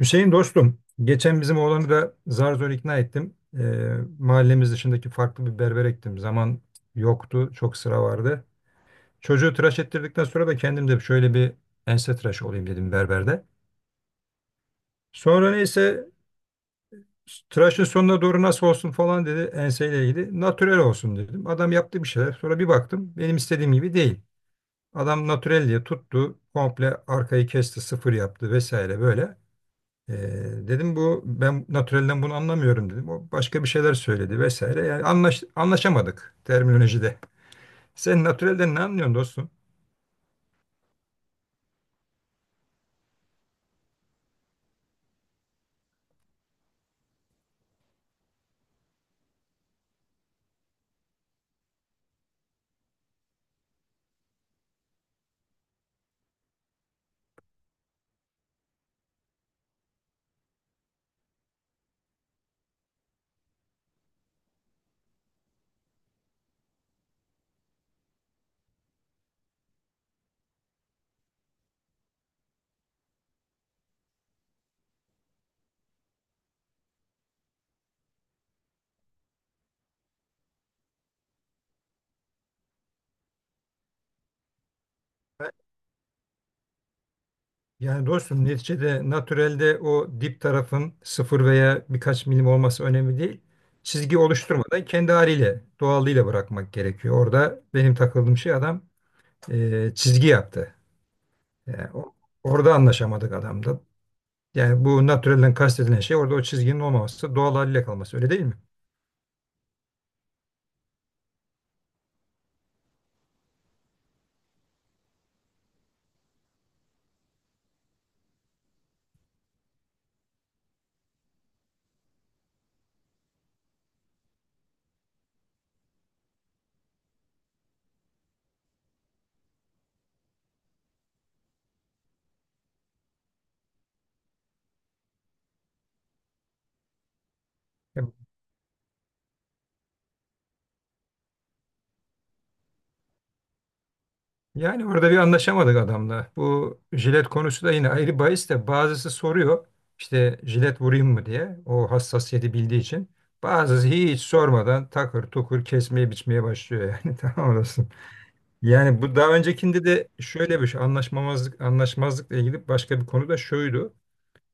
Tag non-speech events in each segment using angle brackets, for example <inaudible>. Hüseyin dostum, geçen bizim oğlanı da zar zor ikna ettim. Ee, mahallemiz dışındaki farklı bir berbere gittim. Zaman yoktu, çok sıra vardı. Çocuğu tıraş ettirdikten sonra da kendim de şöyle bir ense tıraşı olayım dedim berberde. Sonra neyse tıraşın sonuna doğru nasıl olsun falan dedi enseyle ilgili. Natürel olsun dedim. Adam yaptı bir şeyler. Sonra bir baktım benim istediğim gibi değil. Adam natürel diye tuttu. Komple arkayı kesti, sıfır yaptı vesaire böyle. Ee, dedim bu ben natürelden bunu anlamıyorum dedim. O başka bir şeyler söyledi vesaire. Yani anlaşamadık terminolojide. Sen natürelden ne anlıyorsun dostum? Yani dostum neticede natürelde o dip tarafın sıfır veya birkaç milim olması önemli değil. Çizgi oluşturmadan kendi haliyle, doğallığıyla bırakmak gerekiyor. Orada benim takıldığım şey adam çizgi yaptı. Yani orada anlaşamadık adamda. Yani bu natürelden kastedilen şey orada o çizginin olmaması, doğal haliyle kalması öyle değil mi? Yani orada bir anlaşamadık adamla. Bu jilet konusu da yine ayrı bahis de bazısı soruyor işte jilet vurayım mı diye o hassasiyeti bildiği için. Bazısı hiç sormadan takır tukur kesmeye biçmeye başlıyor yani <laughs> tamam olasın. Yani bu daha öncekinde de şöyle bir şey anlaşmamazlık anlaşmazlıkla ilgili başka bir konu da şuydu.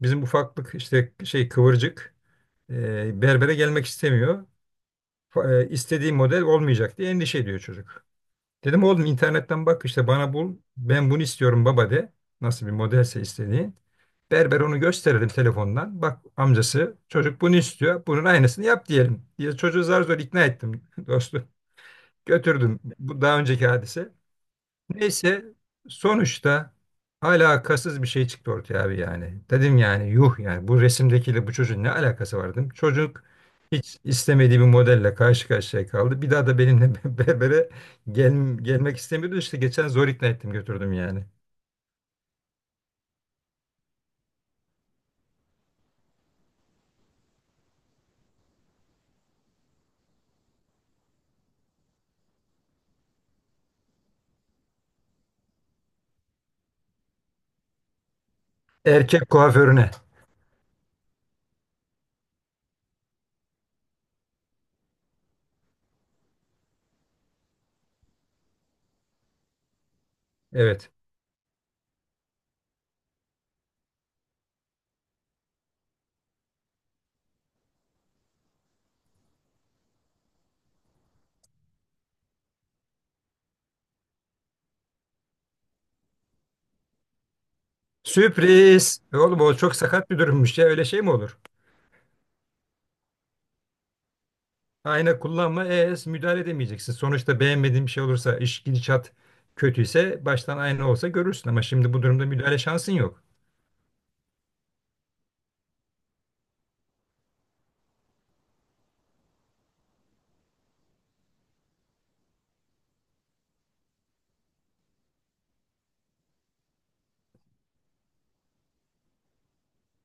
Bizim ufaklık işte şey kıvırcık berbere gelmek istemiyor. İstediği model olmayacak diye endişe ediyor çocuk. Dedim oğlum internetten bak işte bana bul. Ben bunu istiyorum baba de. Nasıl bir modelse istediği. Berber onu gösterelim telefondan. Bak amcası çocuk bunu istiyor. Bunun aynısını yap diyelim diye çocuğu zar zor ikna ettim <laughs> dostum. Götürdüm. Bu daha önceki hadise. Neyse sonuçta alakasız bir şey çıktı ortaya abi yani. Dedim yani yuh yani bu resimdekiyle bu çocuğun ne alakası var dedim. Çocuk hiç istemediği bir modelle karşı karşıya kaldı. Bir daha da benimle <laughs> berbere gel, gelmek istemiyordu. İşte geçen zor ikna ettim götürdüm yani. Erkek kuaförüne. Evet. Sürpriz. E oğlum o çok sakat bir durummuş ya, öyle şey mi olur? Ayna kullanma, müdahale edemeyeceksin. Sonuçta beğenmediğin bir şey olursa, iş gidişat kötüyse baştan ayna olsa görürsün ama şimdi bu durumda müdahale şansın yok.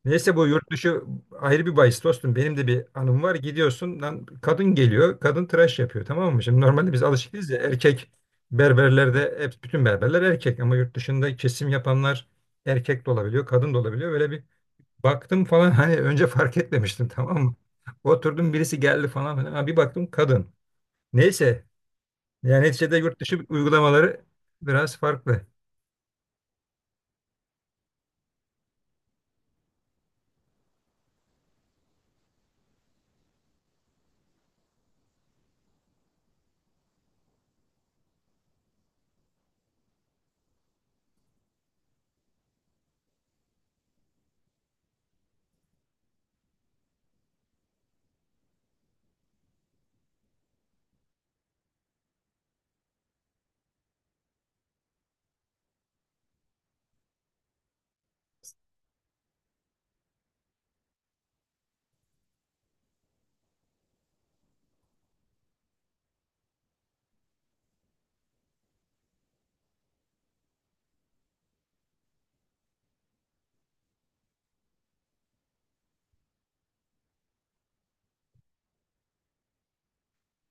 Neyse bu yurt dışı ayrı bir bahis dostum. Benim de bir anım var. Gidiyorsun lan kadın geliyor. Kadın tıraş yapıyor, tamam mı? Şimdi normalde biz alışık değiliz ya, erkek berberlerde hep bütün berberler erkek ama yurt dışında kesim yapanlar erkek de olabiliyor, kadın da olabiliyor. Böyle bir baktım falan, hani önce fark etmemiştim, tamam mı? Oturdum birisi geldi falan filan. Ha, bir baktım kadın. Neyse, yani neticede yurt dışı uygulamaları biraz farklı.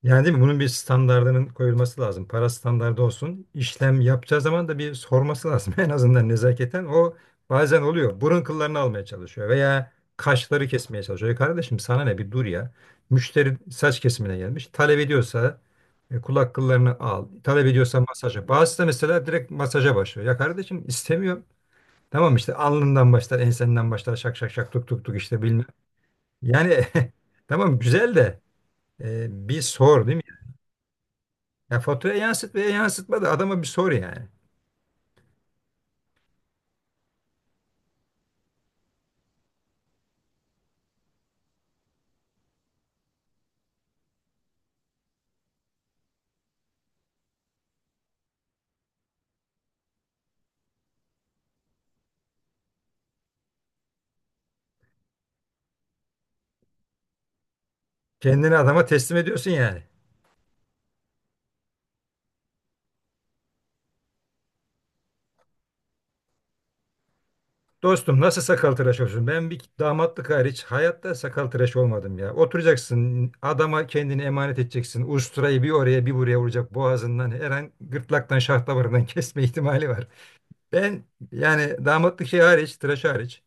Yani değil mi? Bunun bir standardının koyulması lazım. Para standardı olsun. İşlem yapacağı zaman da bir sorması lazım. <laughs> En azından nezaketen o bazen oluyor. Burun kıllarını almaya çalışıyor veya kaşları kesmeye çalışıyor. "Ya kardeşim sana ne, bir dur ya. Müşteri saç kesimine gelmiş. Talep ediyorsa kulak kıllarını al. Talep ediyorsa masaja. Bazısı da mesela direkt masaja başlıyor. Ya kardeşim istemiyorum. Tamam işte alnından başlar, ensenden başlar, şak şak şak tuk tuk tuk işte bilmem. Yani <laughs> tamam güzel de bir sor değil mi? Ya faturaya yansıt veya yansıtma da adama bir sor yani. Kendini adama teslim ediyorsun yani. Dostum nasıl sakal tıraş olsun? Ben bir damatlık hariç hayatta sakal tıraş olmadım ya. Oturacaksın adama kendini emanet edeceksin. Usturayı bir oraya bir buraya vuracak, boğazından her an gırtlaktan şah damarından <laughs> kesme ihtimali var. Ben yani damatlık şey hariç tıraş hariç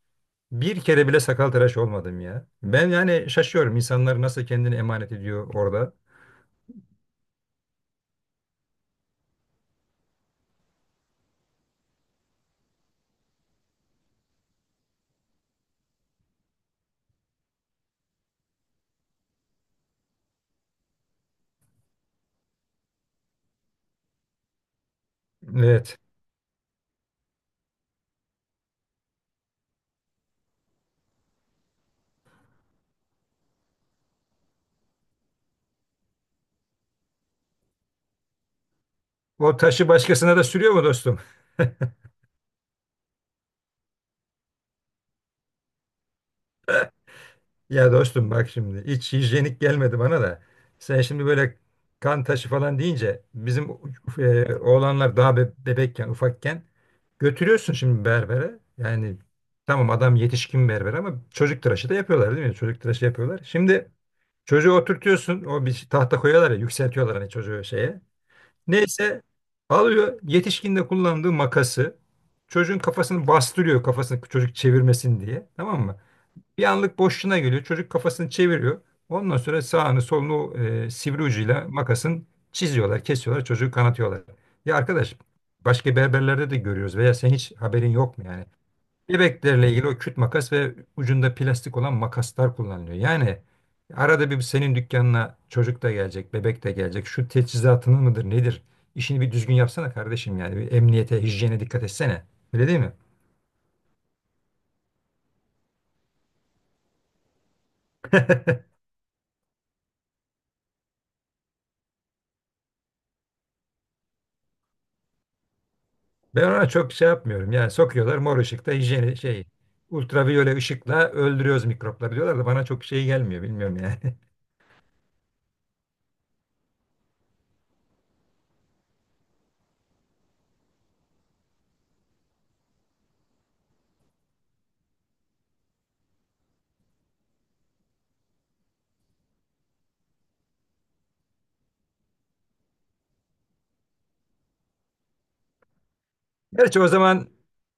bir kere bile sakal tıraş olmadım ya. Ben yani şaşıyorum, insanlar nasıl kendini emanet ediyor orada. Evet. O taşı başkasına da sürüyor mu dostum? Ya dostum bak, şimdi hiç hijyenik gelmedi bana da. Sen şimdi böyle kan taşı falan deyince bizim oğlanlar daha bebekken, ufakken götürüyorsun şimdi berbere. Yani tamam adam yetişkin berber ama çocuk tıraşı da yapıyorlar değil mi? Çocuk tıraşı yapıyorlar. Şimdi çocuğu oturtuyorsun. O bir tahta koyuyorlar ya, yükseltiyorlar hani çocuğu şeye. Neyse alıyor yetişkinde kullandığı makası, çocuğun kafasını bastırıyor kafasını çocuk çevirmesin diye, tamam mı? Bir anlık boşluğuna geliyor çocuk kafasını çeviriyor. Ondan sonra sağını solunu sivri ucuyla makasın çiziyorlar, kesiyorlar, çocuğu kanatıyorlar. Ya arkadaş başka berberlerde de görüyoruz veya sen hiç haberin yok mu yani? Bebeklerle ilgili o küt makas ve ucunda plastik olan makaslar kullanılıyor. Yani arada bir senin dükkanına çocuk da gelecek, bebek de gelecek. Şu teçhizatının mıdır, nedir? İşini bir düzgün yapsana kardeşim yani. Bir emniyete, hijyene dikkat etsene. Öyle değil mi? Ben ona çok şey yapmıyorum. Yani sokuyorlar mor ışıkta hijyeni şey, ultraviyole ışıkla öldürüyoruz mikropları diyorlar da bana çok şey gelmiyor. Bilmiyorum yani. <laughs> Gerçi o zaman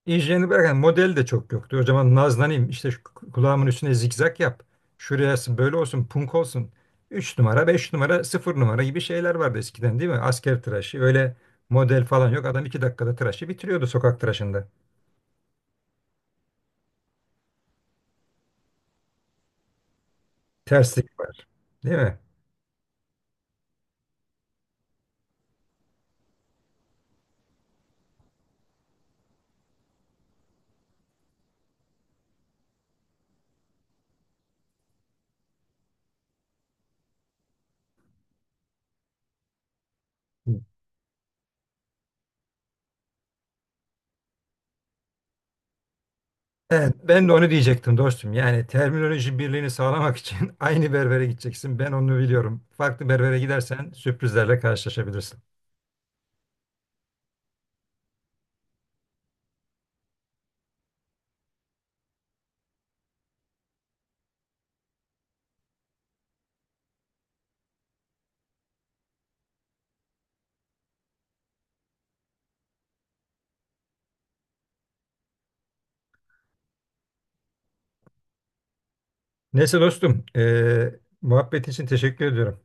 injinerini bırakan model de çok yoktu. O zaman nazlanayım işte şu kulağımın üstüne zigzag yap. Şuraya böyle olsun, punk olsun. 3 numara, 5 numara, 0 numara gibi şeyler vardı eskiden değil mi? Asker tıraşı, öyle model falan yok. Adam 2 dakikada tıraşı bitiriyordu sokak tıraşında. Terslik var değil mi? Evet, ben de onu diyecektim dostum. Yani terminoloji birliğini sağlamak için <laughs> aynı berbere gideceksin. Ben onu biliyorum. Farklı berbere gidersen sürprizlerle karşılaşabilirsin. Neyse dostum, muhabbet için teşekkür ediyorum.